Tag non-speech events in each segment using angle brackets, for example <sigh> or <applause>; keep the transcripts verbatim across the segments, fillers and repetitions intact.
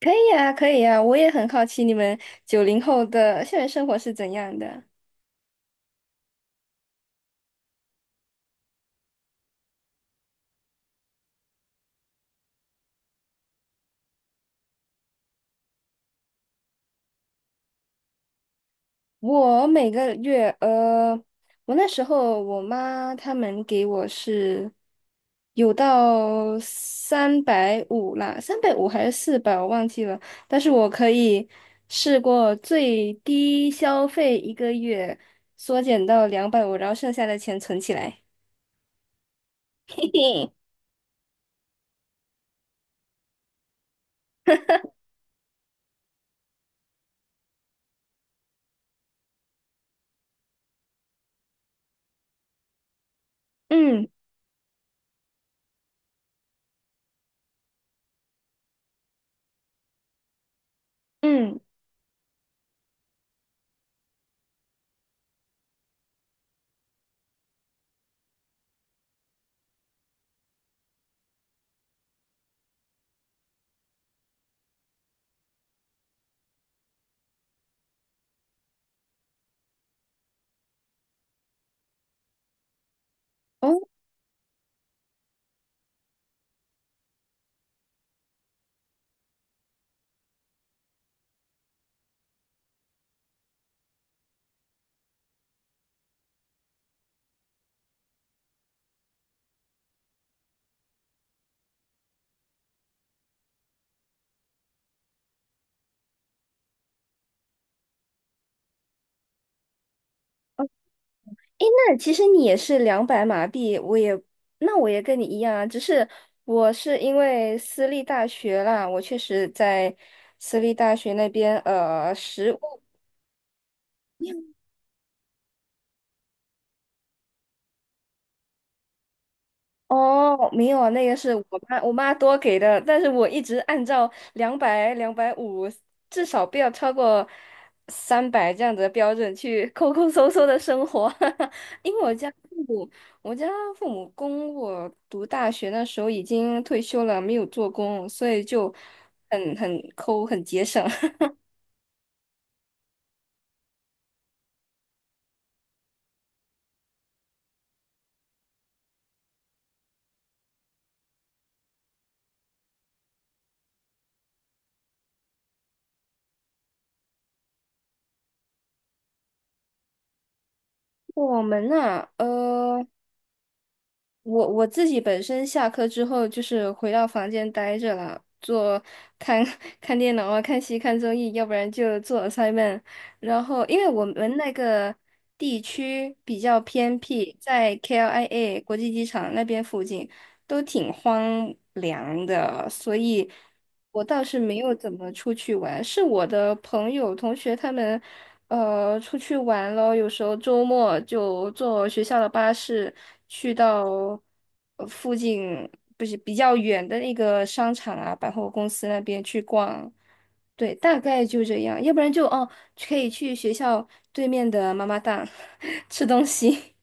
可以呀，可以呀，我也很好奇你们九零后的校园生活是怎样的。我每个月，呃，我那时候我妈他们给我是有到三百五啦，三百五还是四百，我忘记了。但是我可以试过最低消费一个月缩减到两百五，然后剩下的钱存起来。<laughs> 嘿嘿，嗯嗯，哦，诶，那其实你也是两百马币，我也，那我也跟你一样啊，只是我是因为私立大学啦，我确实在私立大学那边，呃，实务。哦，没有啊，那个是我妈我妈多给的，但是我一直按照两百、两百五，至少不要超过三百这样子的标准去 <laughs> 抠抠搜搜的生活。<laughs> 因为我家父母，我家父母供我读大学那时候已经退休了，没有做工，所以就很很抠，很节省。<laughs> 我们呐、呃。我我自己本身下课之后就是回到房间待着了，做看 <laughs> 看电脑啊，看戏、看综艺，要不然就做 a s s i m e n 然后，因为我们那个地区比较偏僻，在 K L I A 国际机场那边附近都挺荒凉的，所以。我倒是没有怎么出去玩，是我的朋友、同学他们，呃，出去玩了。有时候周末就坐学校的巴士去到呃附近，不是比较远的那个商场啊、百货公司那边去逛。对，大概就这样。要不然就哦，可以去学校对面的妈妈档 <laughs> 吃东西。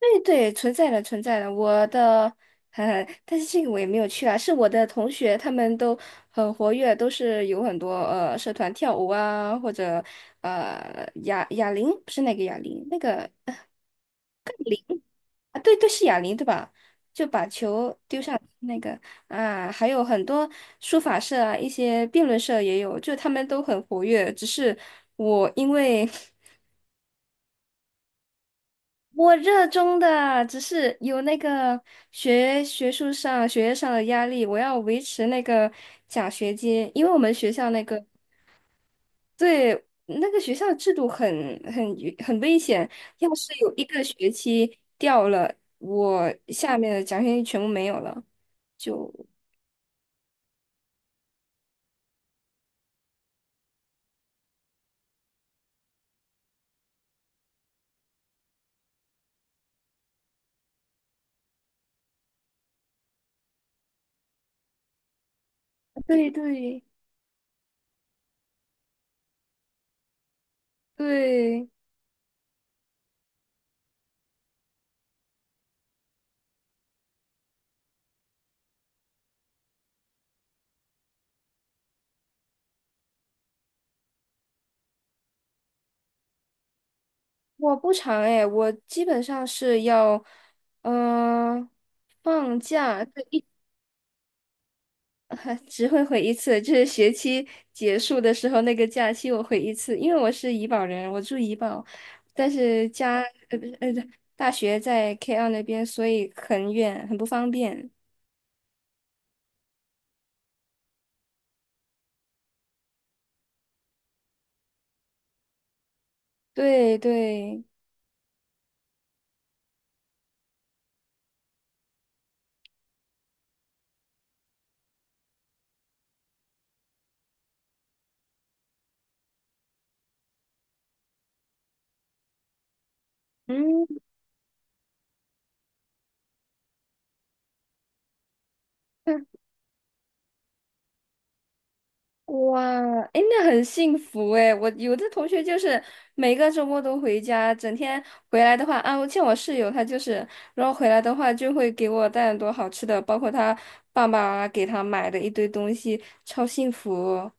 对对，存在的存在的，我的，呃，但是这个我也没有去啊，是我的同学，他们都很活跃，都是有很多呃社团跳舞啊，或者呃哑哑铃，不是那个哑铃，那个啊，对对是哑铃对吧？就把球丢上那个啊，还有很多书法社啊，一些辩论社也有，就他们都很活跃，只是我因为 <laughs> 我热衷的，只是有那个学学术上、学业上的压力，我要维持那个奖学金，因为我们学校那个，对，那个学校制度很很很危险，要是有一个学期掉了，我下面的奖学金全部没有了，就对对对，我不长哎，我基本上是要嗯、呃放假。对 <laughs> 只会回一次，就是学期结束的时候那个假期我回一次，因为我是怡保人，我住怡保，但是家，呃不是，呃对，大学在 k 二那边，所以很远，很不方便。对对，嗯，哇，哎，那很幸福哎！我有的同学就是每个周末都回家，整天回来的话，啊，我见我室友，他就是，然后回来的话就会给我带很多好吃的，包括他爸爸给他买的一堆东西，超幸福哦。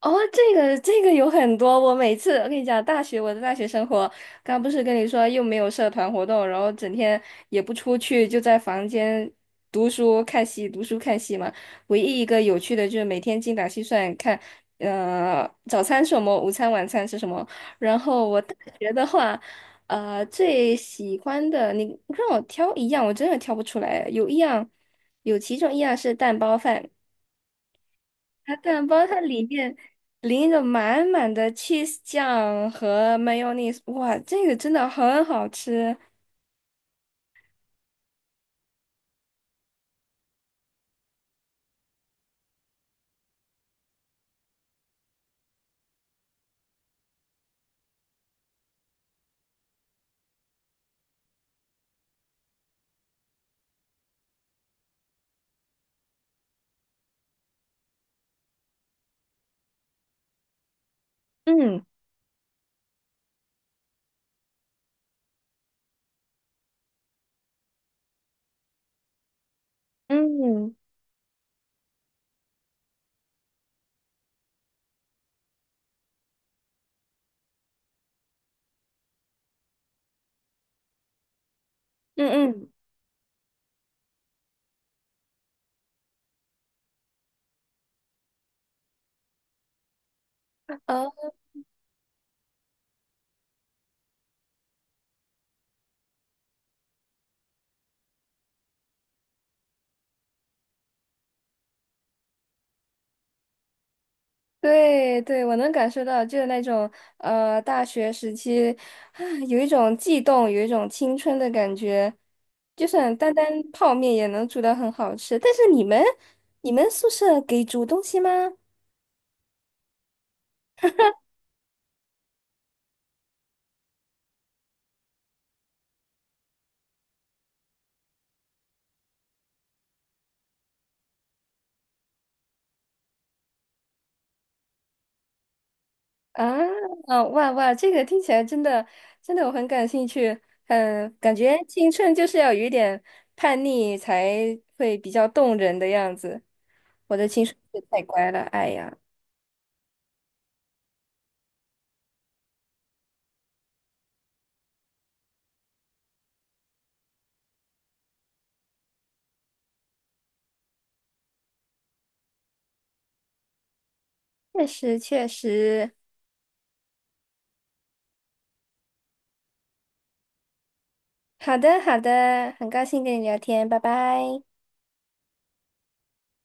哦，这个这个有很多，我每次我跟你讲，大学我的大学生活，刚不是跟你说又没有社团活动，然后整天也不出去，就在房间读书看戏，读书看戏嘛。唯一一个有趣的就是每天精打细算看，呃，早餐是什么，午餐晚餐是什么。然后我大学的话，呃，最喜欢的你让我挑一样，我真的挑不出来，有一样，有其中一样是蛋包饭，它蛋包它里面淋着满满的 cheese 酱和 mayonnaise,哇，这个真的很好吃。嗯嗯嗯嗯，哦，对对，我能感受到，就是那种呃大学时期啊，有一种悸动，有一种青春的感觉，就算单单泡面也能煮的很好吃。但是你们你们宿舍给煮东西吗？啊，啊哇哇，这个听起来真的真的我很感兴趣。嗯，感觉青春就是要有一点叛逆才会比较动人的样子。我的青春是太乖了，哎呀，确实确实。好的好的，很高兴跟你聊天，拜拜。